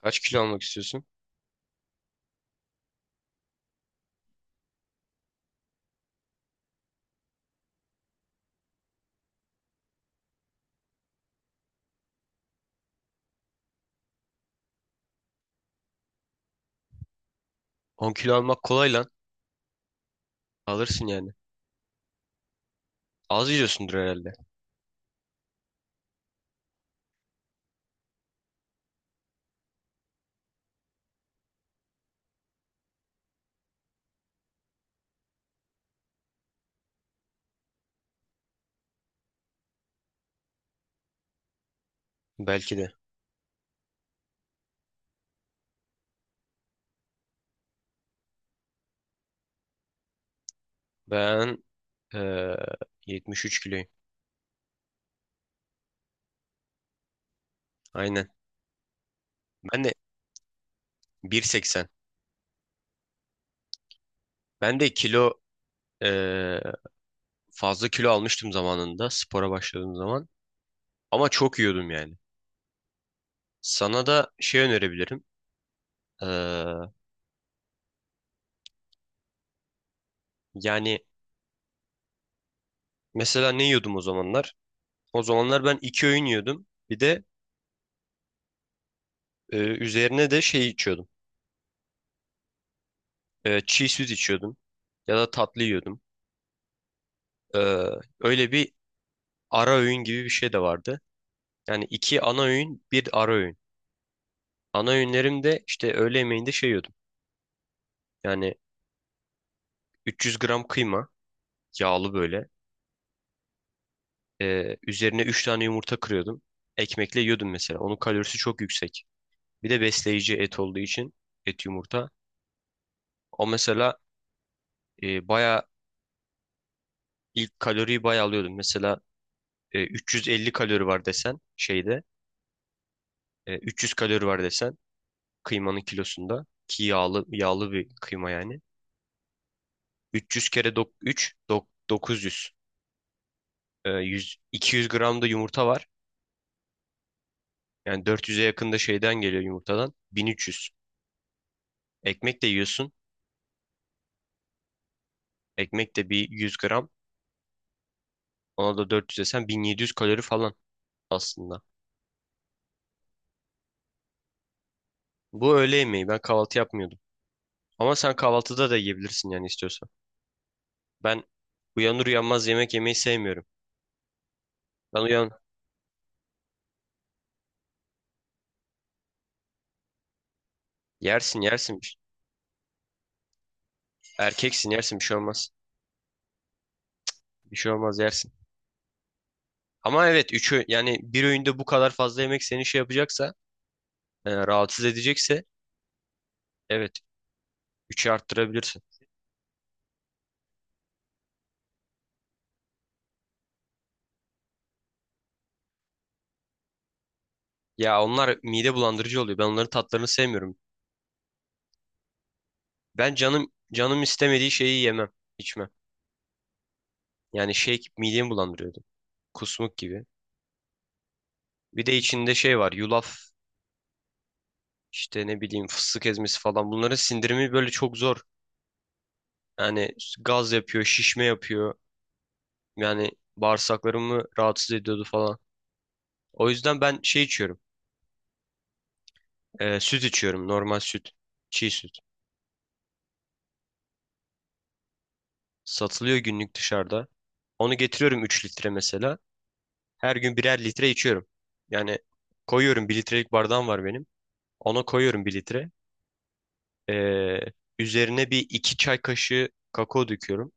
Kaç kilo almak istiyorsun? 10 kilo almak kolay lan. Alırsın yani. Az yiyorsundur herhalde. Belki de. Ben eee 73 kiloyum. Aynen. Ben de 1.80. Ben de kilo eee, fazla kilo almıştım zamanında spora başladığım zaman. Ama çok yiyordum yani. Sana da şey önerebilirim. Eee, Yani mesela ne yiyordum o zamanlar? O zamanlar ben iki öğün yiyordum. Bir de üzerine de şey içiyordum. Çiğ süt içiyordum. Ya da tatlı yiyordum. Ee, Öyle bir ara öğün gibi bir şey de vardı. Yani iki ana öğün, bir ara öğün. Ana öğünlerim de işte öğle yemeğinde şey yiyordum. Yani 300 gram kıyma, yağlı böyle. Üzerine 3 tane yumurta kırıyordum. Ekmekle yiyordum mesela. Onun kalorisi çok yüksek. Bir de besleyici et olduğu için et yumurta. O mesela baya ilk kaloriyi baya alıyordum. Mesela 350 kalori var desen şeyde. 300 kalori var desen kıymanın kilosunda ki yağlı yağlı bir kıyma yani. 300 kere 3 900. 100, 200 gram da yumurta var. Yani 400'e yakın da şeyden geliyor yumurtadan. 1300. Ekmek de yiyorsun. Ekmek de bir 100 gram. Ona da 400 desen 1700 kalori falan aslında. Bu öğle yemeği. Ben kahvaltı yapmıyordum. Ama sen kahvaltıda da yiyebilirsin yani istiyorsan. Ben uyanır uyanmaz yemek yemeyi sevmiyorum. Ben uyan Yersin yersin. Erkeksin yersin bir şey olmaz. Bir şey olmaz yersin. Ama evet üçü yani bir öğünde bu kadar fazla yemek seni şey yapacaksa rahatsız edecekse evet 3'e arttırabilirsin. Ya onlar mide bulandırıcı oluyor. Ben onların tatlarını sevmiyorum. Ben canım canım istemediği şeyi yemem, içmem. Yani şey midemi bulandırıyordu. Kusmuk gibi. Bir de içinde şey var. Yulaf, işte ne bileyim fıstık ezmesi falan. Bunların sindirimi böyle çok zor. Yani gaz yapıyor, şişme yapıyor. Yani bağırsaklarımı rahatsız ediyordu falan. O yüzden ben şey içiyorum. Süt içiyorum. Normal süt. Çiğ süt. Satılıyor günlük dışarıda. Onu getiriyorum 3 litre mesela. Her gün birer litre içiyorum. Yani koyuyorum bir litrelik bardağım var benim. Ona koyuyorum bir litre. Ee, Üzerine bir 2 çay kaşığı kakao döküyorum.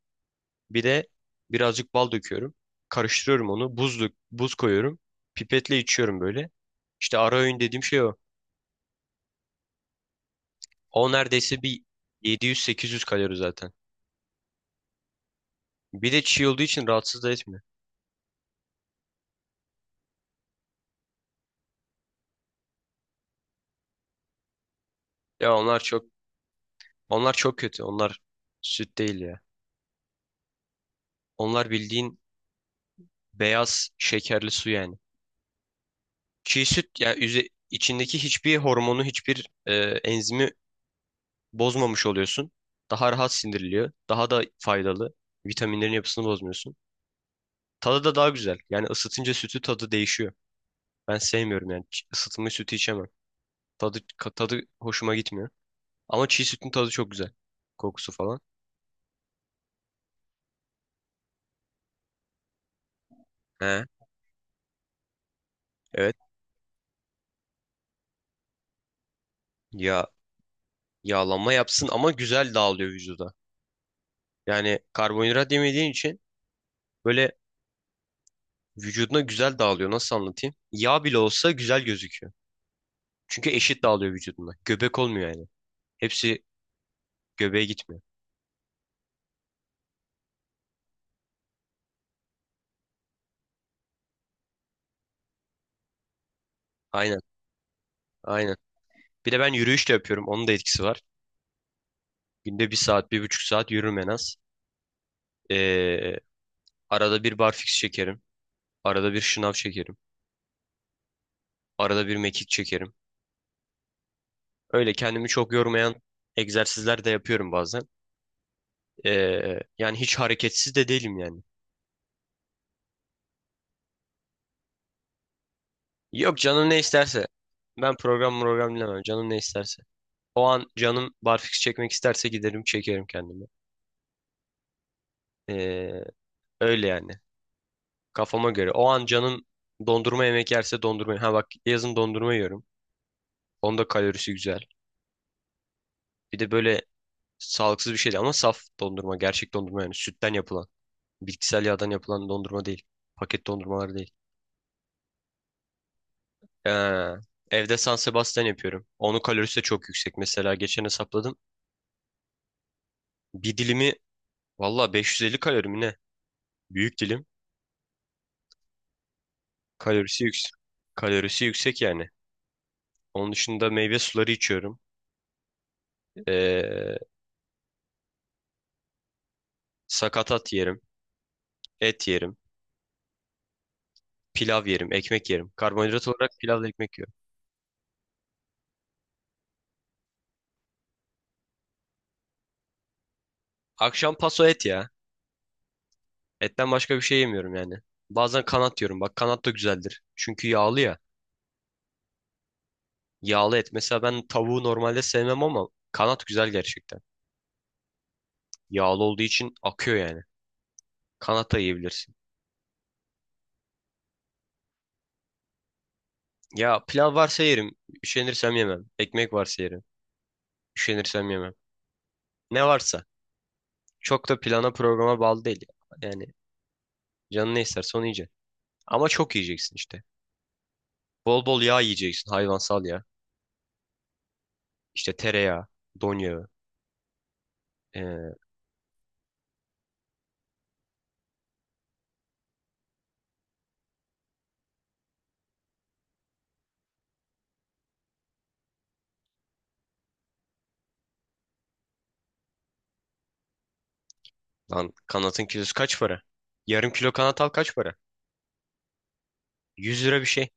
Bir de birazcık bal döküyorum. Karıştırıyorum onu. Buz koyuyorum. Pipetle içiyorum böyle. İşte ara öğün dediğim şey o. O neredeyse bir 700 800 kalori zaten. Bir de çiğ olduğu için rahatsız da etmiyor. Ya onlar çok kötü. Onlar süt değil ya. Onlar bildiğin beyaz şekerli su yani. Çiğ süt ya içindeki hiçbir hormonu, hiçbir enzimi bozmamış oluyorsun. Daha rahat sindiriliyor. Daha da faydalı. Vitaminlerin yapısını bozmuyorsun. Tadı da daha güzel. Yani ısıtınca sütü tadı değişiyor. Ben sevmiyorum yani. Isıtılmış sütü içemem. Tadı hoşuma gitmiyor. Ama çiğ sütün tadı çok güzel. Kokusu falan. He, evet. Ya yağlanma yapsın ama güzel dağılıyor vücuda. Yani karbonhidrat yemediğin için böyle vücuduna güzel dağılıyor. Nasıl anlatayım? Yağ bile olsa güzel gözüküyor. Çünkü eşit dağılıyor vücuduna. Göbek olmuyor yani. Hepsi göbeğe gitmiyor. Aynen, aynen. Bir de ben yürüyüş de yapıyorum. Onun da etkisi var. Günde bir saat, 1,5 saat yürürüm en az. Ee, Arada bir barfix çekerim. Arada bir şınav çekerim. Arada bir mekik çekerim. Öyle kendimi çok yormayan egzersizler de yapıyorum bazen. Yani hiç hareketsiz de değilim yani. Yok canım ne isterse. Ben program program dinlemem. Canım ne isterse. O an canım barfiks çekmek isterse giderim çekerim kendimi. Ee, Öyle yani. Kafama göre. O an canım dondurma yemek yerse dondurma. Ha bak yazın dondurma yiyorum. Onda kalorisi güzel. Bir de böyle sağlıksız bir şey değil ama saf dondurma. Gerçek dondurma yani sütten yapılan. Bitkisel yağdan yapılan dondurma değil. Paket dondurmalar değil. Ee, Evde San Sebastian yapıyorum. Onun kalorisi de çok yüksek. Mesela geçen hesapladım. Bir dilimi valla 550 kalori mi ne? Büyük dilim. Kalorisi yüksek. Kalorisi yüksek yani. Onun dışında meyve suları içiyorum. Ee, Sakatat yerim. Et yerim. Pilav yerim. Ekmek yerim. Karbonhidrat olarak pilavla ekmek yiyorum. Akşam paso et ya. Etten başka bir şey yemiyorum yani. Bazen kanat yiyorum. Bak kanat da güzeldir. Çünkü yağlı ya. Yağlı et. Mesela ben tavuğu normalde sevmem ama kanat güzel gerçekten. Yağlı olduğu için akıyor yani. Kanat da yiyebilirsin. Ya pilav varsa yerim. Üşenirsem yemem. Ekmek varsa yerim. Üşenirsem yemem. Ne varsa. Çok da plana programa bağlı değil. Yani canın ne isterse onu yiyeceksin. Ama çok yiyeceksin işte. Bol bol yağ yiyeceksin. Hayvansal yağ. İşte tereyağı, don yağı. Ee, Lan kanatın kilosu kaç para? Yarım kilo kanat al kaç para? 100 lira bir şey.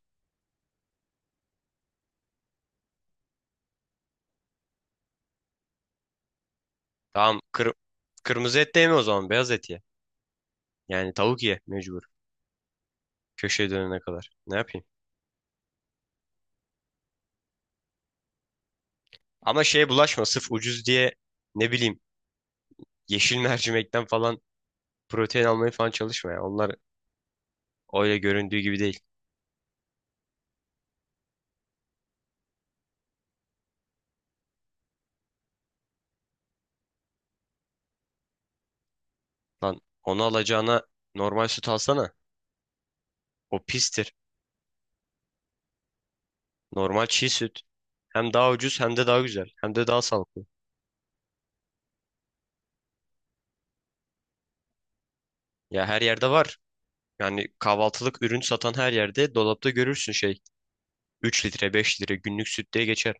Tamam, kırmızı et de yeme o zaman beyaz et ye. Yani tavuk ye mecbur. Köşeye dönene kadar. Ne yapayım? Ama şeye bulaşma sırf ucuz diye ne bileyim yeşil mercimekten falan protein almaya falan çalışma ya. Onlar öyle göründüğü gibi değil. Lan onu alacağına normal süt alsana. O pistir. Normal çiğ süt. Hem daha ucuz hem de daha güzel. Hem de daha sağlıklı. Ya her yerde var. Yani kahvaltılık ürün satan her yerde dolapta görürsün şey. 3 litre 5 litre günlük süt diye geçer.